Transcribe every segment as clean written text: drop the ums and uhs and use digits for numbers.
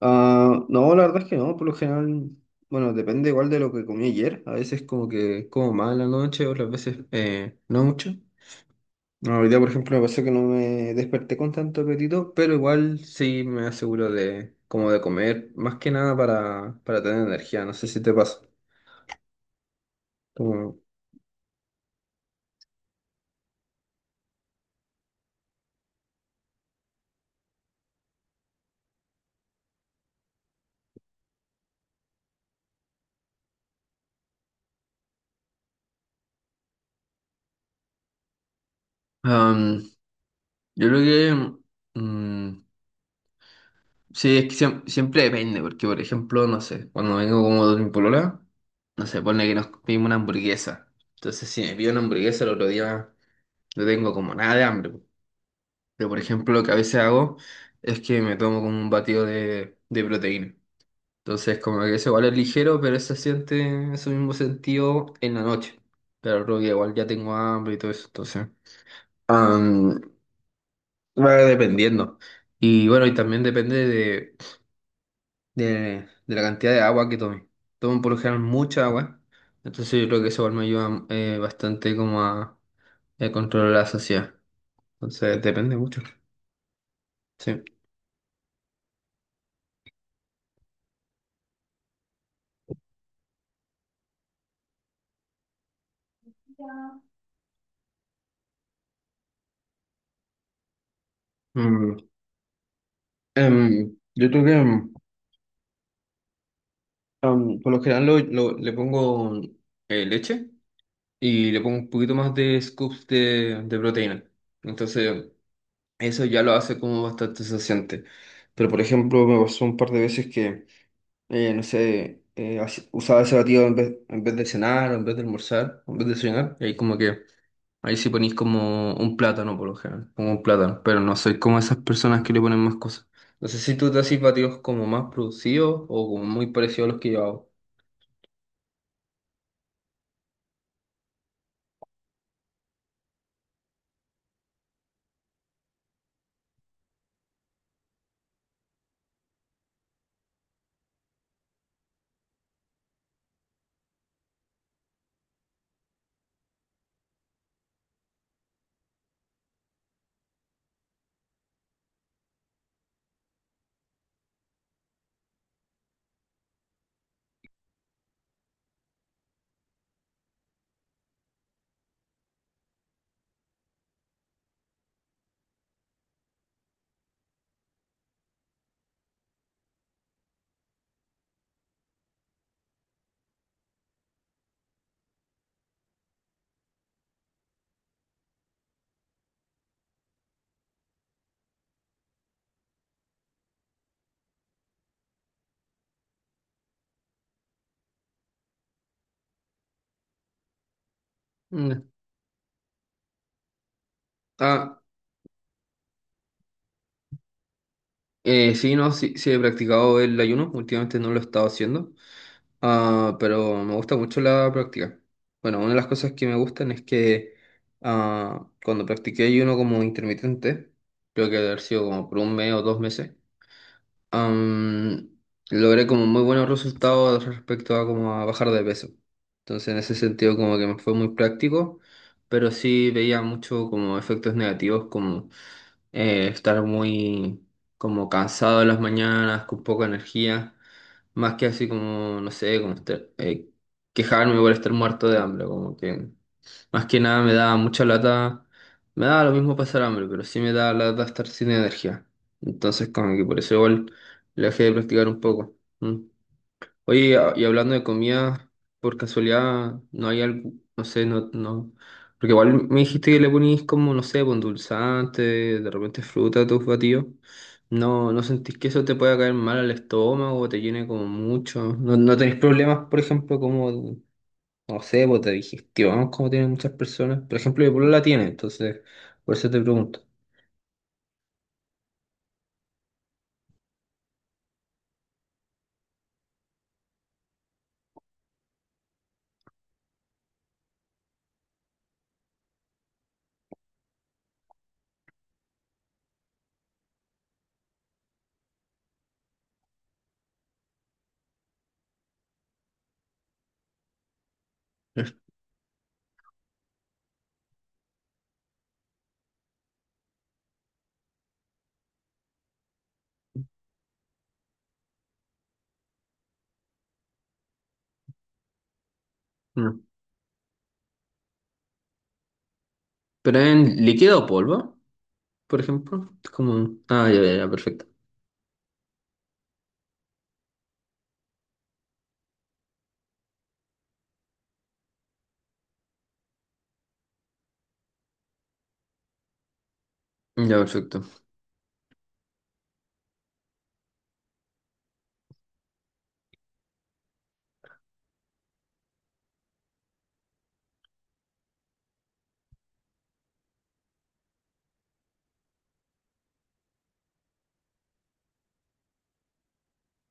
Ah, no, la verdad es que no, por lo general, bueno, depende igual de lo que comí ayer. A veces como que como mal en la noche, otras veces no mucho. No, hoy día, por ejemplo, me pasó que no me desperté con tanto apetito, pero igual sí me aseguro de como de comer, más que nada para tener energía. No sé si te pasa. Como- Am, yo creo que mm, Sí, es que siempre depende, porque por ejemplo, no sé, cuando vengo como de mi polola, no sé, pone que nos pedimos una hamburguesa. Entonces, si me pido una hamburguesa el otro día, no tengo como nada de hambre. Pero por ejemplo, lo que a veces hago es que me tomo como un batido de, proteína. Entonces, como que eso igual es ligero, pero se siente ese mismo sentido en la noche. Pero el otro día igual ya tengo hambre y todo eso, entonces. am, Va dependiendo. Y bueno, y también depende de la cantidad de agua que tome. Tomo por lo general mucha agua, entonces yo creo que eso igual me ayuda bastante como a, controlar la saciedad. Entonces depende mucho. Sí. Mm, yo creo que por lo general le pongo leche y le pongo un poquito más de scoops de, proteína. Entonces eso ya lo hace como bastante saciante. Pero por ejemplo me pasó un par de veces que no sé, usaba ese batido en vez de cenar, o en vez de almorzar, o en vez de cenar, y ahí como que, ahí sí ponís como un plátano por lo general, como un plátano, pero no soy como esas personas que le ponen más cosas. No sé si tú te haces batidos como más producidos o como muy parecidos a los que yo hago. Mm. Ah, sí, no, sí, sí he practicado el ayuno, últimamente no lo he estado haciendo. Ah, pero me gusta mucho la práctica. Bueno, una de las cosas que me gustan es que cuando practiqué ayuno como intermitente, creo que debe haber sido como por un mes o dos meses, am, logré como muy buenos resultados respecto a como a bajar de peso. Entonces en ese sentido como que me fue muy práctico, pero sí veía mucho como efectos negativos como estar muy como cansado en las mañanas, con poca energía. Más que así como, no sé, como estar, quejarme por estar muerto de hambre, como que más que nada me daba mucha lata, me daba lo mismo pasar hambre, pero sí me daba lata estar sin energía. Entonces como que por eso igual le dejé de practicar un poco. Mm. Oye, y hablando de comida, por casualidad, no hay algo, no sé, no, no, porque igual me dijiste que le ponís como, no sé, dulzante, de repente fruta a tus batidos. No, ¿no sentís que eso te pueda caer mal al estómago, o te llene como mucho? ¿No, no tenés problemas, por ejemplo, como, no sé, pues de digestión, como tienen muchas personas? Por ejemplo, mi polola la tiene, entonces, por eso te pregunto. Mm. ¿Pero en líquido o polvo, por ejemplo? Es como, ah, ya, ya, ya, perfecto. Ya, perfecto.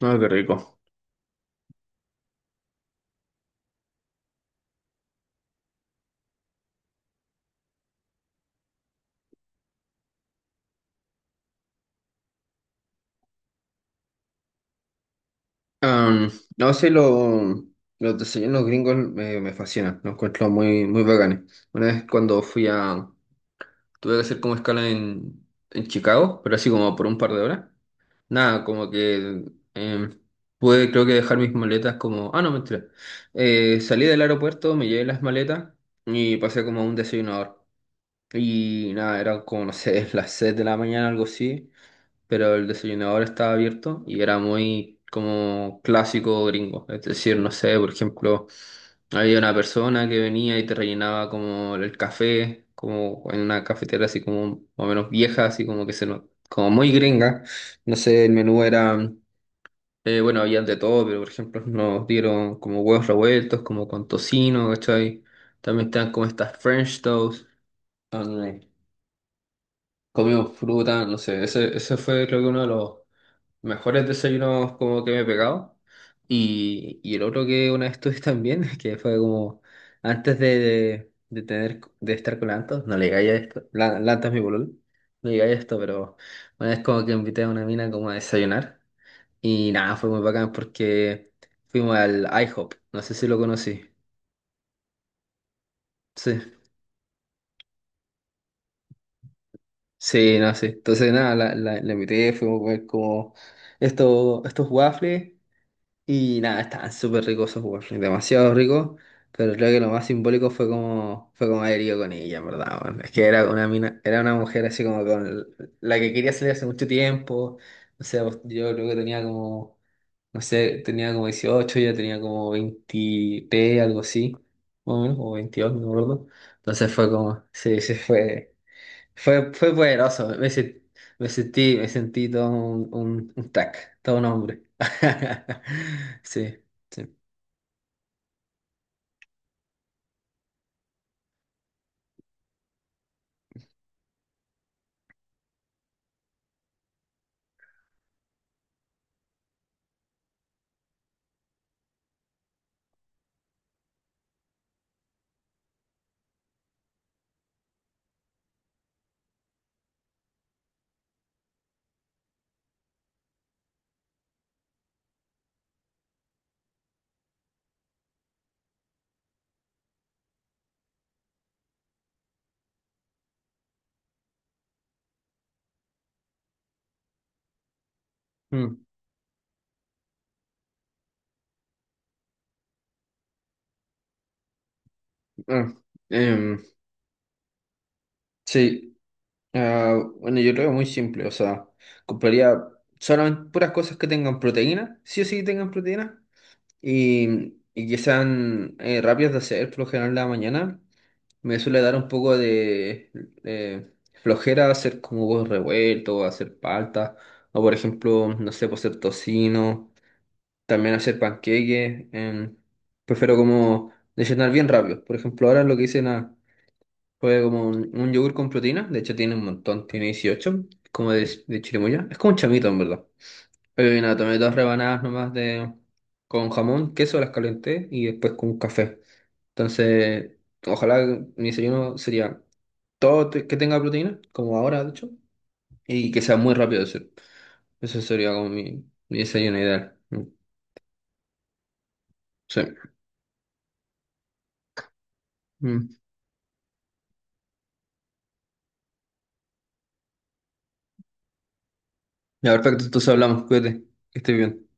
No, qué rico. Am, no sé, los desayunos gringos me, fascinan, los encuentro muy, muy bacanes. Una vez cuando fui a... Tuve que hacer como escala en Chicago, pero así como por un par de horas. Nada, como que em, pude creo que dejar mis maletas como... Ah, no, mentira. Salí del aeropuerto, me llevé las maletas y pasé como a un desayunador. Y nada, eran como, no sé, las 6 de la mañana, algo así. Pero el desayunador estaba abierto y era muy como clásico gringo. Es decir, no sé, por ejemplo, había una persona que venía y te rellenaba como el café, como en una cafetera así como más o menos vieja, así como que se no- como muy gringa. No sé, el menú era, bueno, había de todo, pero por ejemplo nos dieron como huevos revueltos, como con tocino, ¿cachai? También estaban como estas French toast. Donde comimos fruta, no sé, ese fue creo que uno de los mejores desayunos como que me he pegado. Y el otro que una vez tuve también, que fue como antes de tener, de estar con Lantos, no le digáis a esto, Lantos es mi pololo, no le digáis esto, pero una vez como que invité a una mina como a desayunar. Y nada, fue muy bacán porque fuimos al IHOP, no sé si lo conocí. Sí, sí, no sé. Entonces nada, la invité, fuimos a comer como estos waffles. Y nada, estaban súper ricos esos waffles, demasiado ricos, pero creo que lo más simbólico fue como haber ido con ella, en verdad, weón. Es que era una mina, era una mujer así como con la que quería salir hace mucho tiempo, o sea, pues, yo creo que tenía como, no sé, tenía como 18 ella tenía como 23, algo así, más o menos, o 22 no me acuerdo. Entonces fue como, sí, sí fue. Fue poderoso, me sentí todo un tac, todo un hombre. Sí, sí. Mm, ah, em, sí, ah, bueno, yo creo que muy simple, o sea, compraría solamente puras cosas que tengan proteína, sí o sí tengan proteína, y que sean rápidas de hacer, por lo general en la mañana. Me suele dar un poco de eh, flojera hacer como huevos revueltos, hacer palta, o por ejemplo, no sé, pues hacer tocino, también hacer panqueques. Prefiero como desayunar bien rápido. Por ejemplo, ahora lo que hice nada, fue como un yogur con proteína, de hecho tiene un montón, tiene 18, como de, chirimoya. Es como un chamito en verdad. Nada, tomé dos rebanadas nomás de, con jamón, queso, las calenté y después con un café. Entonces, ojalá mi desayuno sería que tenga proteína, como ahora, de hecho, y que sea muy rápido de hacer. Eso sería como mi desayuno ideal. Mm, sí. Mm. Ya, perfecto, entonces hablamos, cuídate, que estés bien.